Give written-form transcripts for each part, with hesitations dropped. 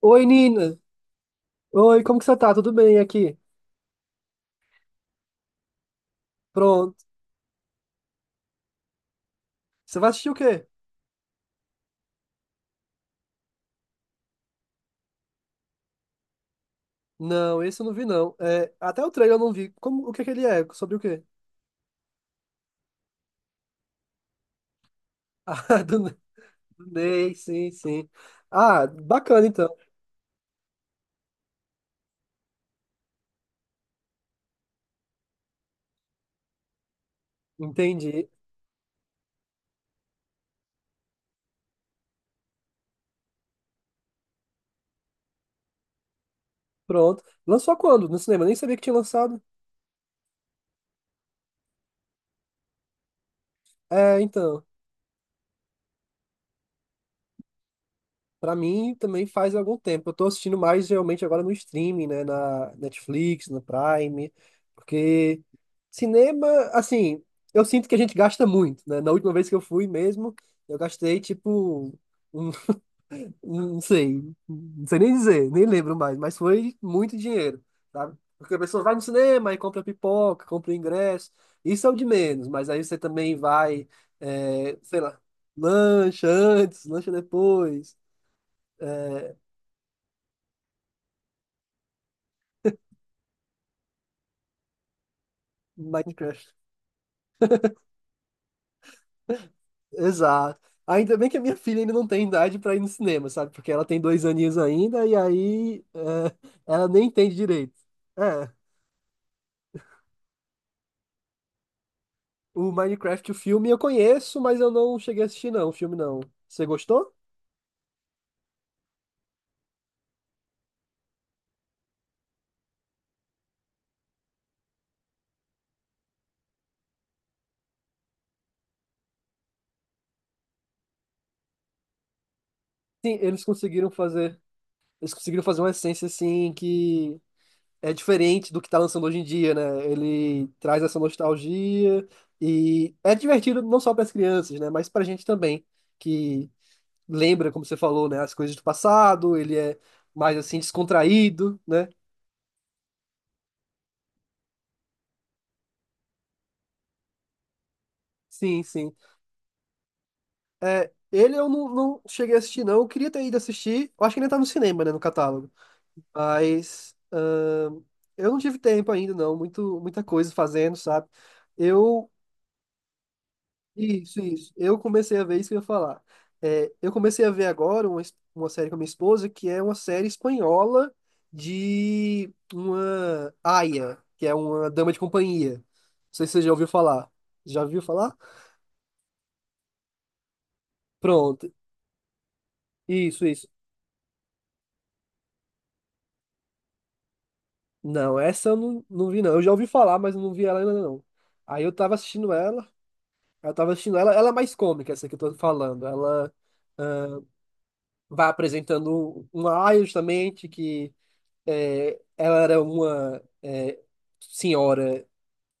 Oi, Nina. Oi, como que você tá? Tudo bem aqui? Pronto. Você vai assistir o quê? Não, esse eu não vi, não. É, até o trailer eu não vi. Como, o que que ele é? Sobre o quê? Ah, do, do Ney, sim, sim. Ah, bacana então. Entendi. Pronto. Lançou quando? No cinema? Nem sabia que tinha lançado. É, então. Pra mim também faz algum tempo. Eu tô assistindo mais realmente agora no streaming, né? Na Netflix, no Prime, porque cinema, assim, eu sinto que a gente gasta muito, né? Na última vez que eu fui mesmo, eu gastei tipo, um- não sei, não sei nem dizer, nem lembro mais, mas foi muito dinheiro, sabe? Porque a pessoa vai no cinema e compra pipoca, compra ingresso, isso é o de menos, mas aí você também vai, é, sei lá, lancha antes, lancha depois. eh, Minecraft. Exato. Ainda bem que a minha filha ainda não tem idade pra ir no cinema, sabe? Porque ela tem dois aninhos ainda e aí é, ela nem entende direito. É, o Minecraft, o filme eu conheço, mas eu não cheguei a assistir não, o filme não. Você gostou? Sim, eles conseguiram fazer uma essência assim que é diferente do que tá lançando hoje em dia, né? Ele traz essa nostalgia e é divertido não só para as crianças, né? Mas pra gente também, que lembra, como você falou, né? As coisas do passado, ele é mais assim descontraído, né? Sim, sim. É, ele eu não, não cheguei a assistir, não. Eu queria ter ido assistir. Eu acho que ainda tá no cinema, né? No catálogo. Mas eu não tive tempo ainda, não. Muito, muita coisa fazendo, sabe? Eu isso, isso. Eu comecei a ver isso que eu ia falar. É, eu comecei a ver agora uma, uma série com a minha esposa, que é uma série espanhola de uma aia, que é uma dama de companhia. Não sei se você já ouviu falar. Já ouviu falar? Pronto. Isso, isso. Não, essa eu não, não vi, não. Eu já ouvi falar, mas eu não vi ela ainda, não. Aí eu tava assistindo ela, eu tava assistindo ela, ela é mais cômica, essa que eu tô falando. Ela ah, vai apresentando uma aia, justamente, que é, ela era uma é, senhora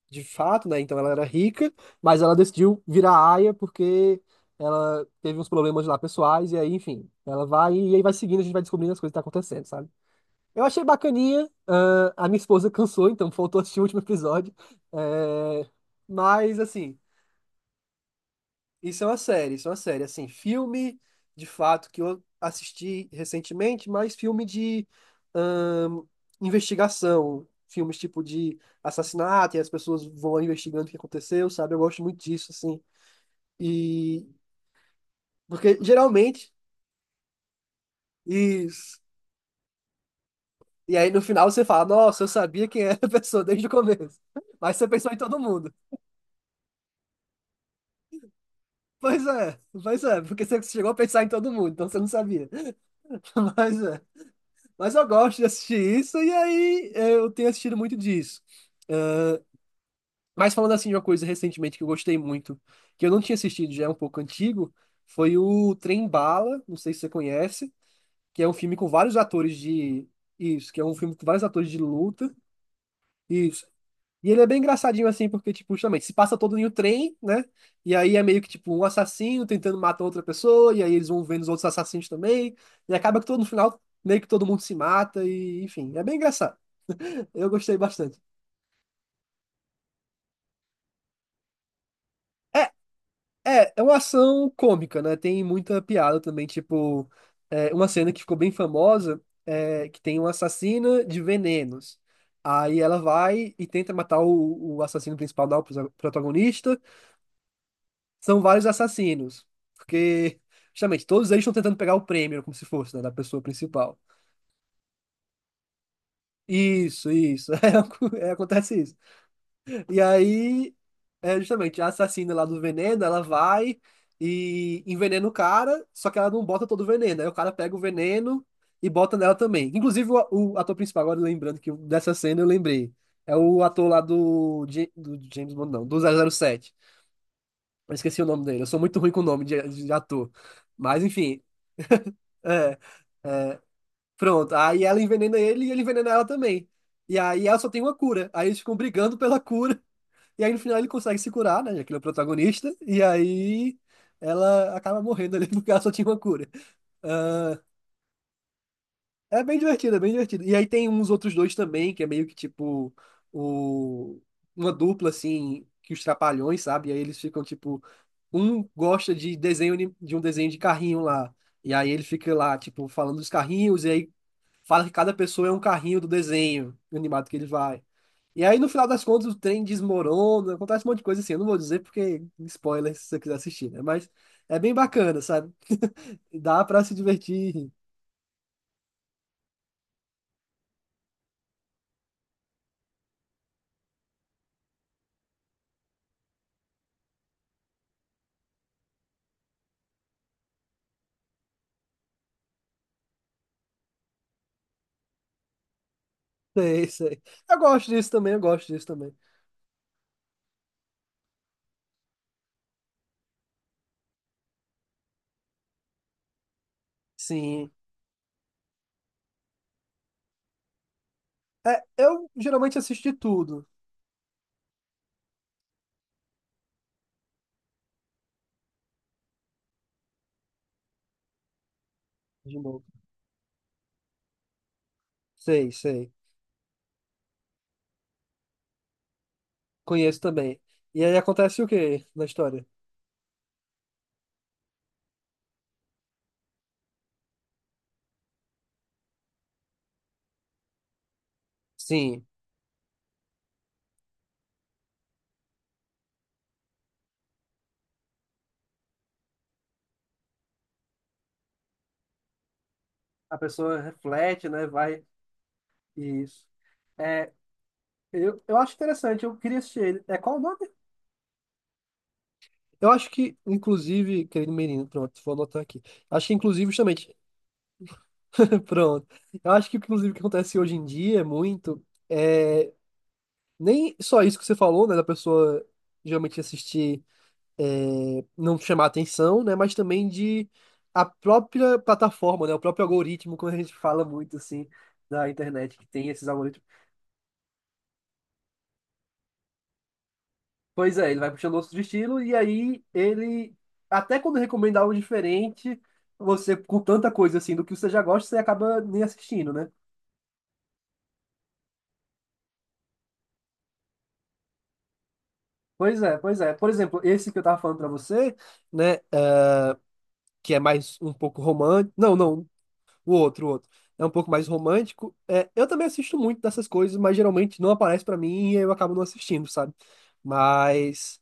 de fato, né? Então ela era rica, mas ela decidiu virar aia porque ela teve uns problemas lá pessoais, e aí, enfim, ela vai e aí vai seguindo, a gente vai descobrindo as coisas que tá acontecendo, sabe? Eu achei bacaninha, a minha esposa cansou, então faltou assistir o último episódio, é, mas assim. Isso é uma série, isso é uma série. Assim, filme, de fato, que eu assisti recentemente, mas filme de ahn, investigação. Filmes tipo de assassinato, e as pessoas vão investigando o que aconteceu, sabe? Eu gosto muito disso, assim. E... Porque, geralmente, isso... E aí, no final, você fala, nossa, eu sabia quem era a pessoa desde o começo. Mas você pensou em todo mundo. Pois é, porque você chegou a pensar em todo mundo, então você não sabia. Mas é. Mas eu gosto de assistir isso e aí é, eu tenho assistido muito disso. Mas falando assim de uma coisa recentemente que eu gostei muito, que eu não tinha assistido, já é um pouco antigo, foi o Trem Bala, não sei se você conhece, que é um filme com vários atores de isso, que é um filme com vários atores de luta, isso. E ele é bem engraçadinho assim, porque tipo, justamente, se passa todo em um trem, né? E aí é meio que tipo um assassino tentando matar outra pessoa, e aí eles vão vendo os outros assassinos também, e acaba que todo no final meio que todo mundo se mata e enfim, é bem engraçado. Eu gostei bastante. É, é, é uma ação cômica, né? Tem muita piada também, tipo, é, uma cena que ficou bem famosa, é, que tem uma assassina de venenos. Aí ela vai e tenta matar o assassino principal, não, o protagonista. São vários assassinos, porque, justamente, todos eles estão tentando pegar o prêmio, como se fosse, né, da pessoa principal. Isso, é, acontece isso. E aí, é justamente a assassina lá do veneno, ela vai e envenena o cara, só que ela não bota todo o veneno. Aí o cara pega o veneno e bota nela também. Inclusive, o ator principal, agora lembrando que dessa cena eu lembrei. É o ator lá do, do James Bond, não, do 007. Eu esqueci o nome dele, eu sou muito ruim com o nome de ator. Mas enfim, é, pronto. Aí ela envenena ele e ele envenena ela também. E aí ela só tem uma cura. Aí eles ficam brigando pela cura. E aí no final ele consegue se curar, né? Já que ele é o protagonista. E aí ela acaba morrendo ali porque ela só tinha uma cura. Ah, é bem divertido, é bem divertido. E aí tem uns outros dois também, que é meio que tipo o... uma dupla assim. Que os trapalhões, sabe? E aí eles ficam tipo. Um gosta de de um desenho de carrinho lá. E aí ele fica lá, tipo, falando dos carrinhos, e aí fala que cada pessoa é um carrinho do desenho animado que ele vai. E aí, no final das contas, o trem desmorona, acontece um monte de coisa assim. Eu não vou dizer porque spoiler se você quiser assistir, né? Mas é bem bacana, sabe? Dá pra se divertir. Sei, sei. Eu gosto disso também, eu gosto disso também. Sim. É, eu geralmente assisti tudo de novo. Sei, sei. Conheço também. E aí acontece o quê na história? Sim. A pessoa reflete, né? Vai. Isso. É, eu acho interessante, eu queria assistir ele. É qual o nome? Eu acho que, inclusive, querido menino, pronto, vou anotar aqui. Acho que, inclusive, justamente, pronto. Eu acho que, inclusive, o que acontece hoje em dia muito é nem só isso que você falou, né, da pessoa geralmente assistir, é, não chamar atenção, né, mas também de a própria plataforma, né, o próprio algoritmo, quando a gente fala muito assim da internet, que tem esses algoritmos. Pois é, ele vai puxando outros estilos e aí ele, até quando recomenda algo diferente, você, com tanta coisa assim do que você já gosta, você acaba nem assistindo, né? Pois é, pois é. Por exemplo, esse que eu tava falando pra você, né, é, que é mais um pouco romântico. Não, não. O outro, o outro. É um pouco mais romântico. É, eu também assisto muito dessas coisas, mas geralmente não aparece pra mim e eu acabo não assistindo, sabe? Mas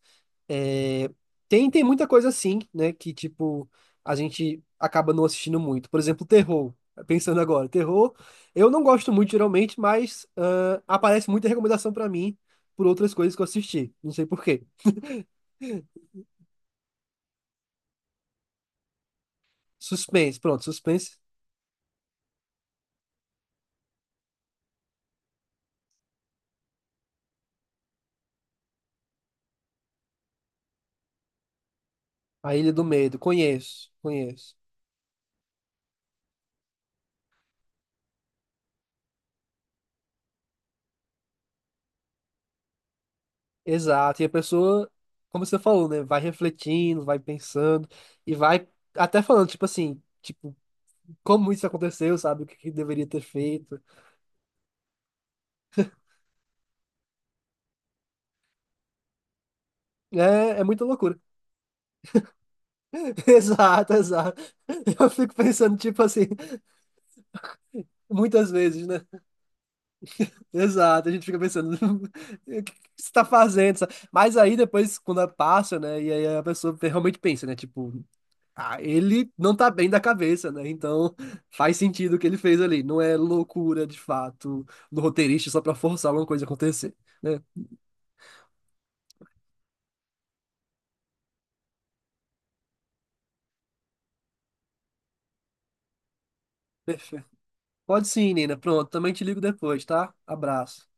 é, tem, tem muita coisa assim, né? Que, tipo, a gente acaba não assistindo muito. Por exemplo, terror. Pensando agora, terror, eu não gosto muito geralmente, mas aparece muita recomendação pra mim por outras coisas que eu assisti. Não sei por quê. Suspense, pronto, suspense. A Ilha do Medo, conheço, conheço. Exato, e a pessoa, como você falou, né, vai refletindo, vai pensando e vai até falando, tipo assim, tipo, como isso aconteceu, sabe, o que que deveria ter feito. É, é muita loucura. Exato, exato. Eu fico pensando, tipo assim, muitas vezes, né? Exato, a gente fica pensando, o que que você tá fazendo? Sabe? Mas aí depois, quando passa, né, e aí a pessoa realmente pensa, né, tipo. Ah, ele não tá bem da cabeça, né? Então faz sentido o que ele fez ali. Não é loucura de fato do roteirista só pra forçar alguma coisa a acontecer, né? Perfeito. Pode sim, Nina. Pronto, também te ligo depois, tá? Abraço.